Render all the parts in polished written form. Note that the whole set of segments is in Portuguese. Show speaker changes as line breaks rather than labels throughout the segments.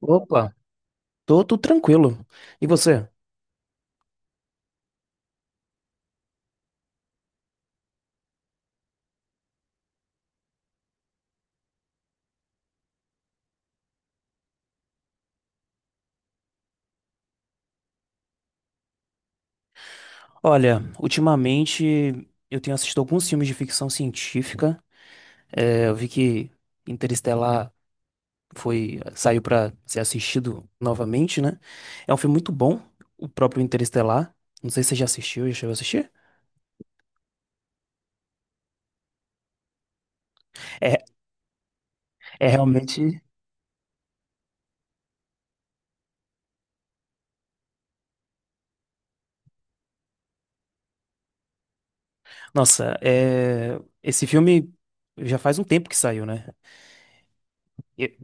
Opa, tô tranquilo. E você? Olha, ultimamente eu tenho assistido alguns filmes de ficção científica. Eu vi que Interestelar saiu pra ser assistido novamente, né? É um filme muito bom, o próprio Interestelar. Não sei se você já assistiu, já chegou a assistir? É, é realmente. Nossa, é, esse filme já faz um tempo que saiu, né? E-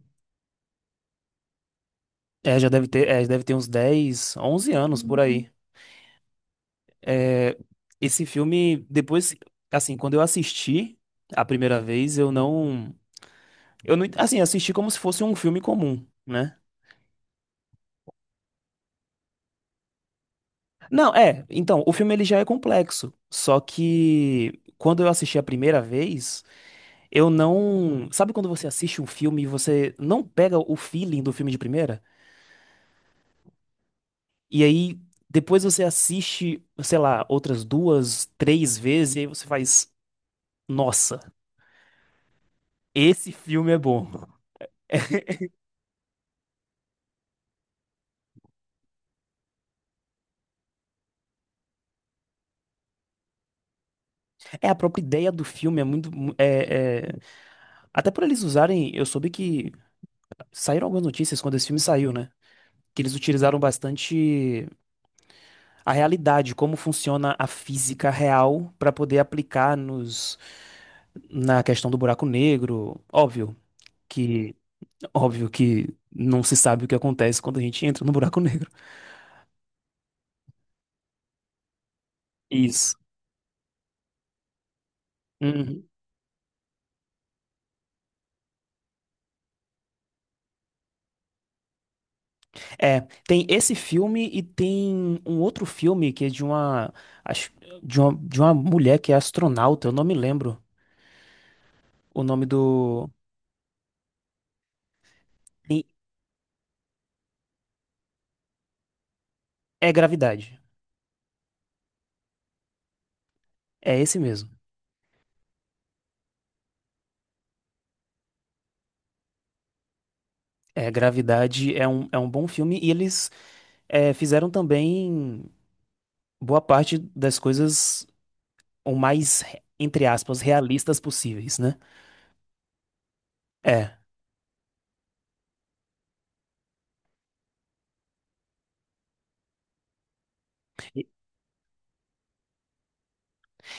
É, já deve ter, é, deve ter uns 10, 11 anos por aí. É, esse filme, depois, assim, quando eu assisti a primeira vez, eu não, assim, assisti como se fosse um filme comum, né? Não, é, então, o filme ele já é complexo, só que quando eu assisti a primeira vez, eu não, sabe quando você assiste um filme e você não pega o feeling do filme de primeira? E aí depois você assiste, sei lá, outras duas, três vezes e aí você faz, nossa, esse filme é bom. É, a própria ideia do filme é muito. É, Até por eles usarem. Eu soube que saíram algumas notícias quando esse filme saiu, né? Que eles utilizaram bastante a realidade, como funciona a física real, pra poder aplicar na questão do buraco negro. Que. Óbvio que não se sabe o que acontece quando a gente entra no buraco negro. Isso. Uhum. É, tem esse filme e tem um outro filme que é de uma, acho, de uma mulher que é astronauta, eu não me lembro o nome do. e- É Gravidade. É esse mesmo. É, Gravidade é um bom filme e eles é, fizeram também boa parte das coisas o mais, entre aspas, realistas possíveis, né? É. E-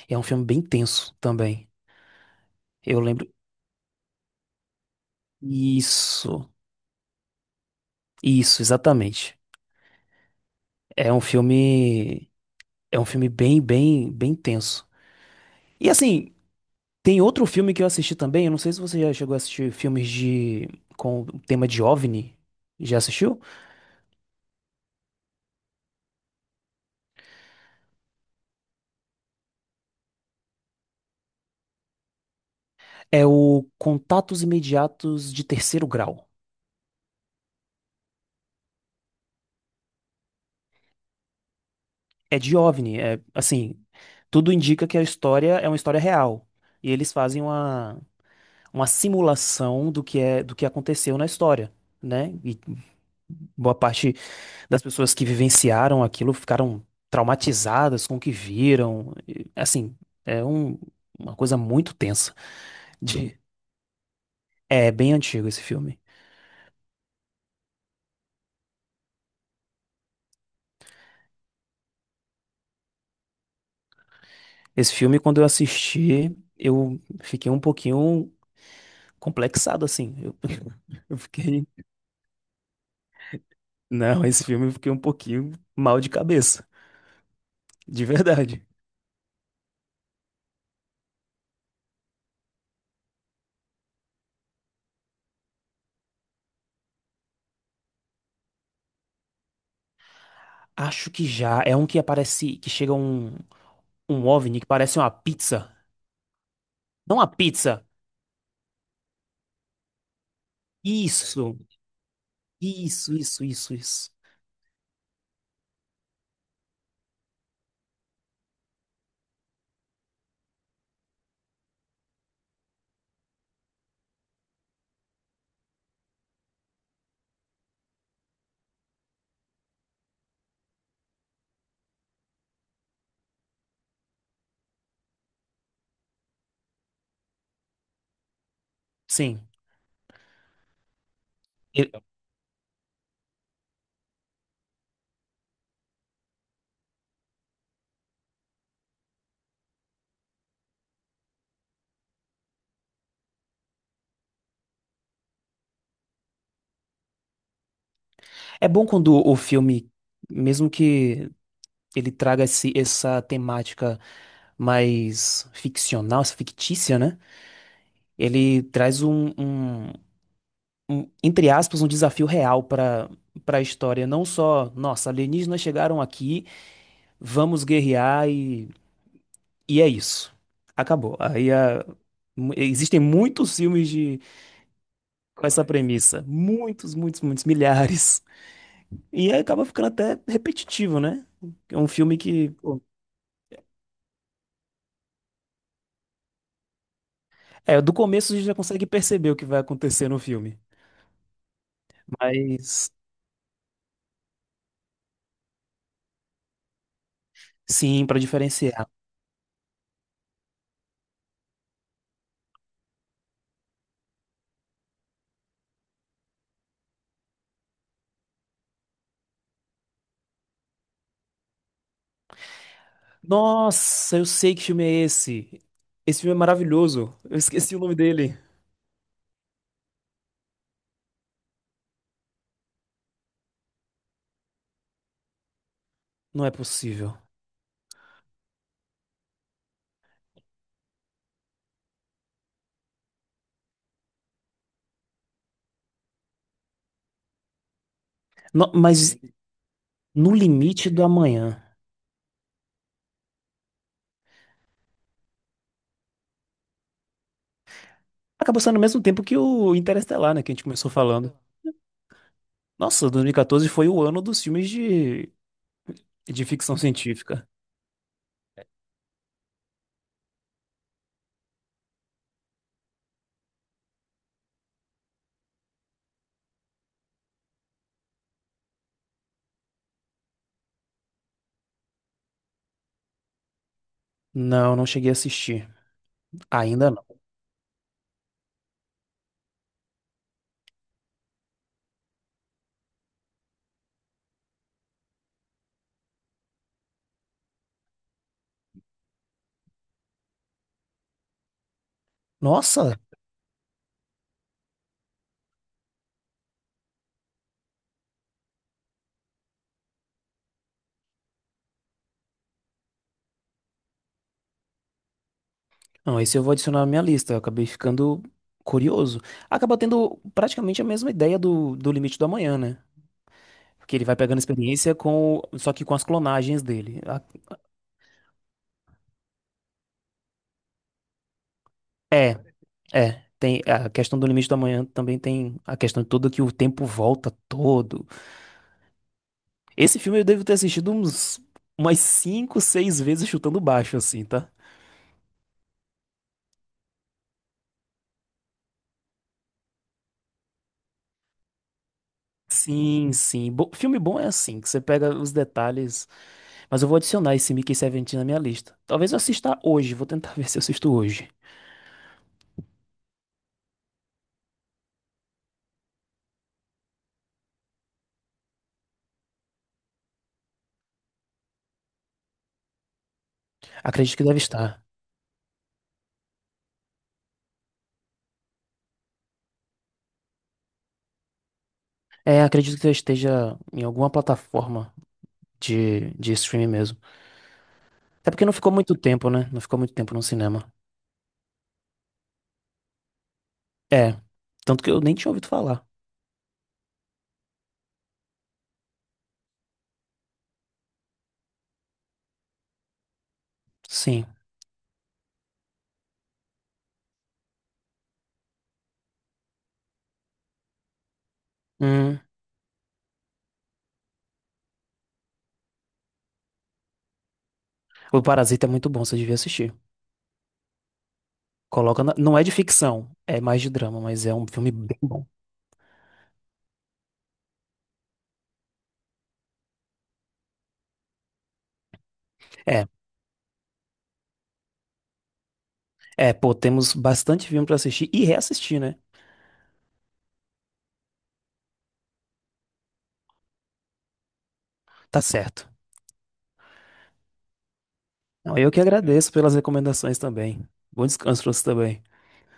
É um filme bem tenso também. Eu lembro. Isso, isso, exatamente. É um filme. É um filme bem, bem, bem tenso. E assim, tem outro filme que eu assisti também. Eu não sei se você já chegou a assistir filmes de com o tema de OVNI. Já assistiu? É o Contatos Imediatos de Terceiro Grau. É de OVNI. É assim, tudo indica que a história é uma história real. E eles fazem uma simulação do que é do que aconteceu na história, né? E boa parte das pessoas que vivenciaram aquilo ficaram traumatizadas com o que viram. E, assim, é um- uma coisa muito tensa. De- É bem antigo esse filme. Esse filme, quando eu assisti, eu fiquei um pouquinho complexado, assim. Eu, eu fiquei. Não, esse filme eu fiquei um pouquinho mal de cabeça. De verdade. Acho que já. É um que aparece. Um OVNI que parece uma pizza. Não uma pizza. Isso. Isso, isso, isso, isso. Sim. E- É bom quando o filme, mesmo que ele traga esse, essa temática mais ficcional, essa fictícia, né? Ele traz um, um, entre aspas, um desafio real para a história. Não só, nossa, alienígenas chegaram aqui, vamos guerrear e é isso. Acabou. Existem muitos filmes de, com essa premissa. Muitos, muitos, muitos, milhares. E aí acaba ficando até repetitivo, né? É um filme que. Pô, é, do começo a gente já consegue perceber o que vai acontecer no filme. Mas, sim, pra diferenciar. Nossa, eu sei que filme é esse. Esse filme é maravilhoso. Eu esqueci o nome dele. Não é possível. No- mas No Limite do Amanhã. Acabou sendo ao mesmo tempo que o Interestelar, né? Que a gente começou falando. Nossa, 2014 foi o ano dos filmes de ficção científica. Não, não cheguei a assistir. Ainda não. Nossa! Não, esse eu vou adicionar na minha lista. Eu acabei ficando curioso. Acaba tendo praticamente a mesma ideia do, do Limite do Amanhã, né? Porque ele vai pegando experiência com, só que com as clonagens dele. É, é. Tem a questão do Limite do Amanhã também tem a questão toda que o tempo volta todo. Esse filme eu devo ter assistido uns umas 5, 6 vezes chutando baixo, assim, tá? Sim, sim. Filme bom é assim, que você pega os detalhes. Mas eu vou adicionar esse Mickey 17 na minha lista. Talvez eu assista hoje, vou tentar ver se eu assisto hoje. Acredito que deve estar. É, acredito que eu esteja em alguma plataforma de streaming mesmo. Até porque não ficou muito tempo, né? Não ficou muito tempo no cinema. É, tanto que eu nem tinha ouvido falar. Sim. Hum, o Parasita é muito bom, você devia assistir. Não é de ficção, é mais de drama, mas é um filme bem bom. É, é, pô, temos bastante filme pra assistir e reassistir, né? Tá certo. Não, eu que agradeço pelas recomendações também. Bom descanso para você também.